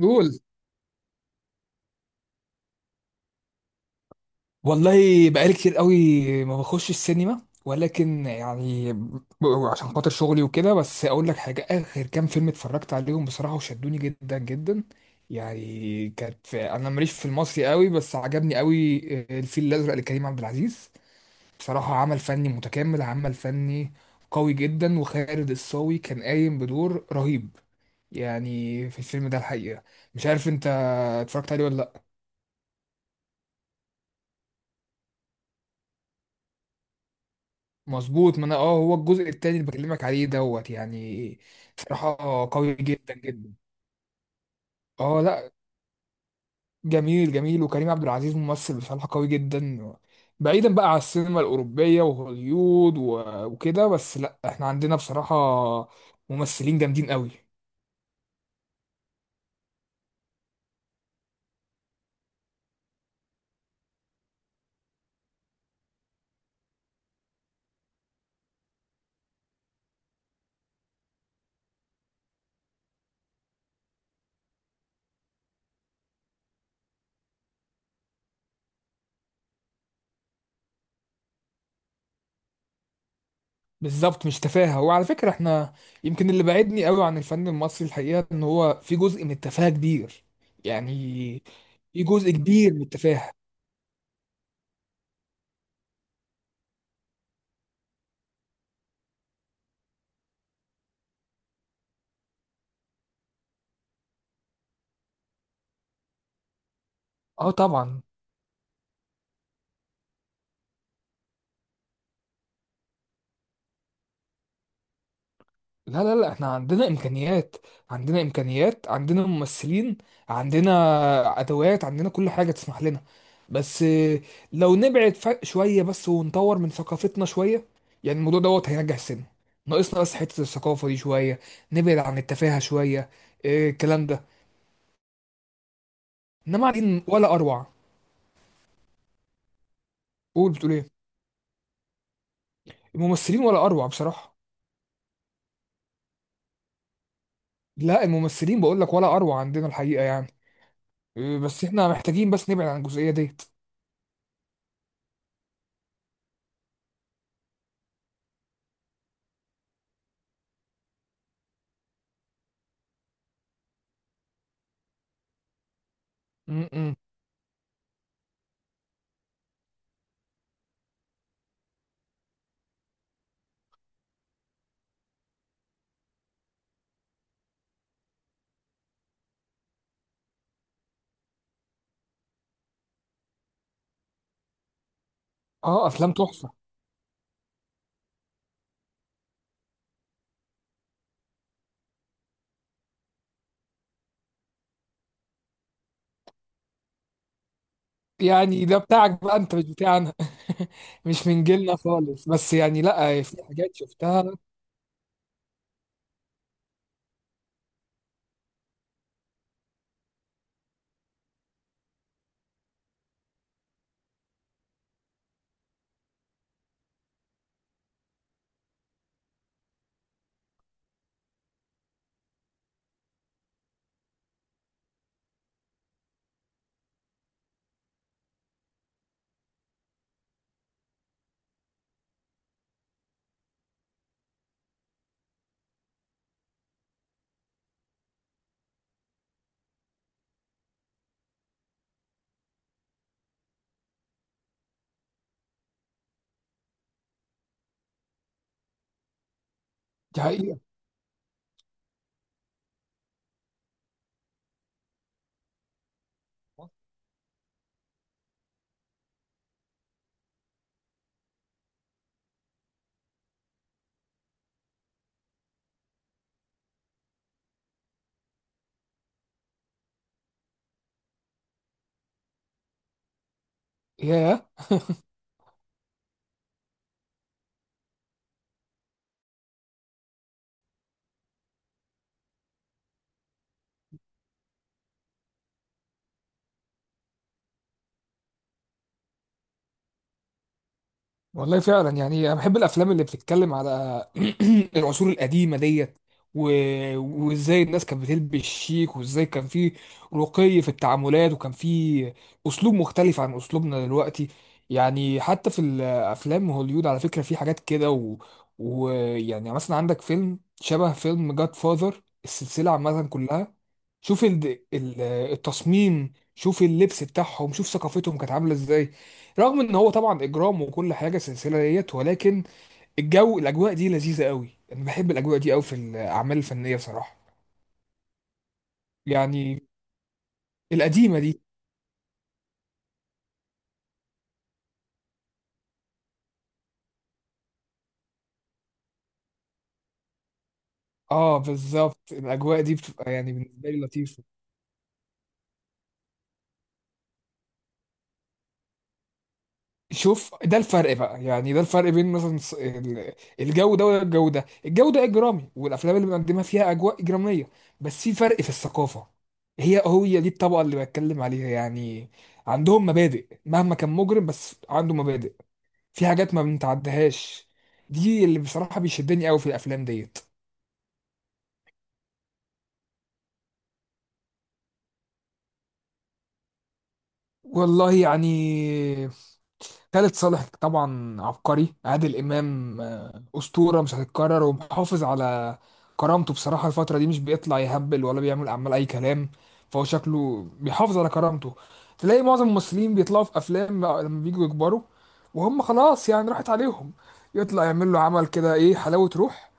قول. والله بقالي كتير قوي ما بخش السينما، ولكن يعني عشان خاطر شغلي وكده. بس اقول لك حاجه، اخر كام فيلم اتفرجت عليهم بصراحه وشدوني جدا جدا. يعني كانت في، انا ماليش في المصري قوي بس عجبني قوي الفيل الازرق لكريم عبد العزيز. بصراحه عمل فني متكامل، عمل فني قوي جدا. وخالد الصاوي كان قايم بدور رهيب يعني في الفيلم ده الحقيقه. مش عارف انت اتفرجت عليه ولا لا. مظبوط، ما انا هو الجزء التاني اللي بكلمك عليه دوت يعني. صراحة قوي جدا جدا. اه لا، جميل جميل. وكريم عبد العزيز ممثل بصراحة قوي جدا. بعيدا بقى على السينما الأوروبية وهوليود وكده، بس لا احنا عندنا بصراحة ممثلين جامدين قوي. بالظبط، مش تفاهة. وعلى فكرة احنا، يمكن اللي بعدني قوي عن الفن المصري الحقيقة ان هو في جزء من التفاهة كبير يعني، في جزء كبير من التفاهة. اه طبعا. لا لا لا، احنا عندنا امكانيات، عندنا امكانيات، عندنا ممثلين، عندنا ادوات، عندنا كل حاجه تسمح لنا. بس لو نبعد فرق شويه بس ونطور من ثقافتنا شويه، يعني الموضوع دوت هينجح السينما. ناقصنا بس حته الثقافه دي شويه، نبعد عن التفاهه شويه. الكلام ده. انما قاعدين ولا اروع. قول بتقول ايه؟ الممثلين ولا اروع بصراحه. لا، الممثلين بقول لك ولا اروع عندنا الحقيقه يعني. بس احنا محتاجين بس نبعد عن الجزئيه ديت. م- م. اه افلام تحفه. يعني ده بتاعك بقى انت، مش بتاعنا مش من جيلنا خالص، بس يعني لا في حاجات شفتها. دي حقيقة. ياه. والله فعلا. يعني انا بحب الافلام اللي بتتكلم على العصور القديمه ديت و... وازاي الناس كانت بتلبس شيك، وازاي كان في رقي في التعاملات، وكان في اسلوب مختلف عن اسلوبنا دلوقتي. يعني حتى في الافلام هوليود على فكره في حاجات كده ويعني مثلا عندك فيلم شبه فيلم جاد فاذر، السلسله عامه كلها. شوف التصميم، شوف اللبس بتاعهم، شوف ثقافتهم كانت عامله ازاي. رغم ان هو طبعا اجرام وكل حاجه سلسله ديت، ولكن الاجواء دي لذيذه قوي. انا بحب الاجواء دي قوي في الاعمال الفنيه بصراحه. يعني القديمه دي. اه بالظبط، الاجواء دي بتبقى يعني بالنسبه لي لطيفه. شوف ده الفرق بقى، يعني ده الفرق بين مثلا الجو ده وده، الجو ده اجرامي، والافلام اللي بنقدمها فيها اجواء اجراميه، بس في فرق في الثقافه. هي دي الطبقه اللي بتكلم عليها، يعني عندهم مبادئ. مهما كان مجرم بس عنده مبادئ، في حاجات ما بنتعدهاش. دي اللي بصراحة بيشدني قوي في الافلام ديت. والله يعني، خالد صالح طبعا عبقري، عادل امام اسطورة مش هتتكرر. ومحافظ على كرامته بصراحة، الفترة دي مش بيطلع يهبل ولا بيعمل اعمال اي كلام، فهو شكله بيحافظ على كرامته. تلاقي معظم الممثلين بيطلعوا في افلام بقى لما بييجوا يكبروا وهم خلاص يعني راحت عليهم، يطلع يعمل له عمل كده ايه، حلاوة روح،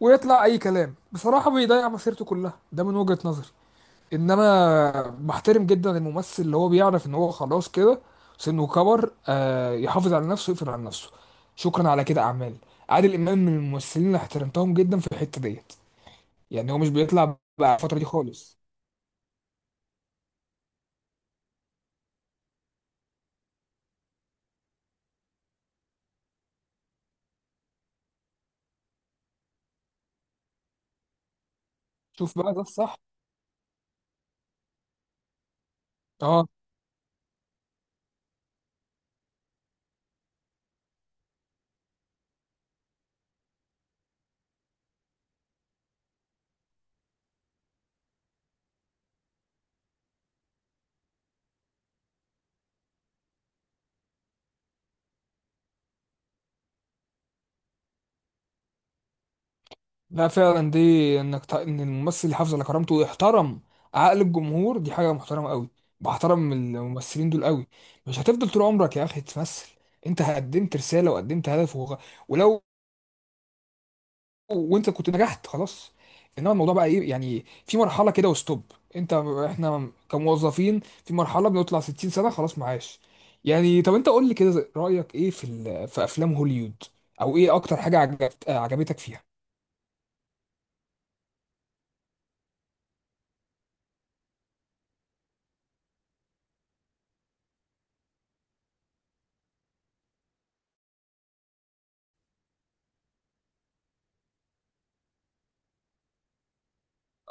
ويطلع اي كلام، بصراحة بيضيع مسيرته كلها، ده من وجهة نظري. انما محترم جدا الممثل اللي هو بيعرف ان هو خلاص كده، سنه كبر، يحافظ على نفسه ويقفل على نفسه، شكرا على كده اعمال. عادل امام من الممثلين اللي احترمتهم جدا في الحته ديت، يعني هو مش بيطلع بقى الفتره دي خالص. شوف بقى ده الصح. اه، لا فعلا، دي انك ان الممثل يحافظ على كرامته ويحترم عقل الجمهور، دي حاجه محترمه قوي. بحترم الممثلين دول قوي. مش هتفضل طول عمرك يا اخي تمثل، انت قدمت رساله وقدمت هدف ولو وانت كنت نجحت خلاص. انما الموضوع بقى ايه، يعني في مرحله كده وستوب. انت احنا كموظفين في مرحله بنطلع 60 سنه خلاص معاش. يعني طب انت قول لي كده، رايك ايه في في افلام هوليوود، او ايه اكتر حاجه عجبتك فيها؟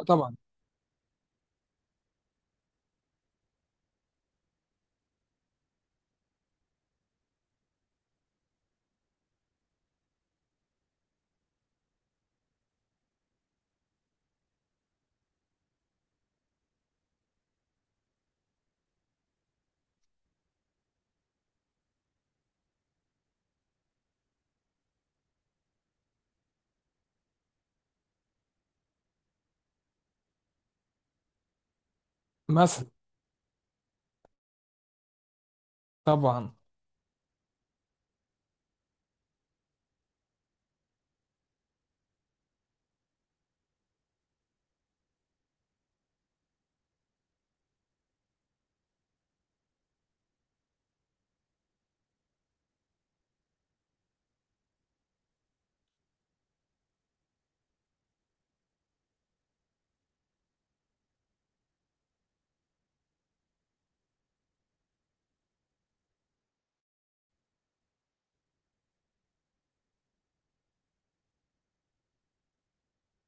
طبعا. مثلا. طبعا.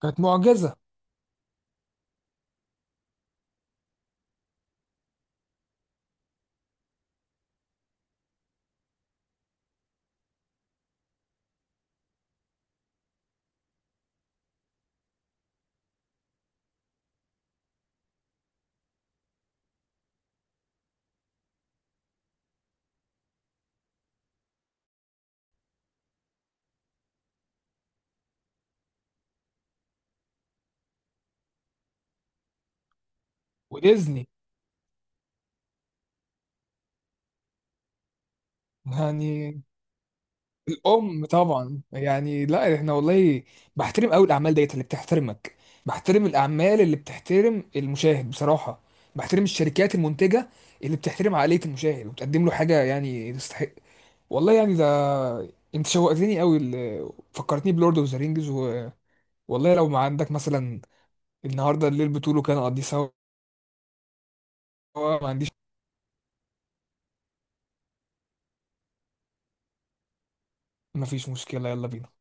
كانت معجزه. وديزني. يعني الام طبعا. يعني لا احنا والله بحترم قوي الاعمال ديت اللي بتحترمك، بحترم الاعمال اللي بتحترم المشاهد بصراحه، بحترم الشركات المنتجه اللي بتحترم عقليه المشاهد وبتقدم له حاجه يعني تستحق. والله يعني ده، انت شوقتني قوي. فكرتني بلورد اوف ذا رينجز والله لو ما عندك مثلا النهارده الليل بتقوله كان اقضيه سوا. ما عنديش، ما فيش مشكله، يلا بينا.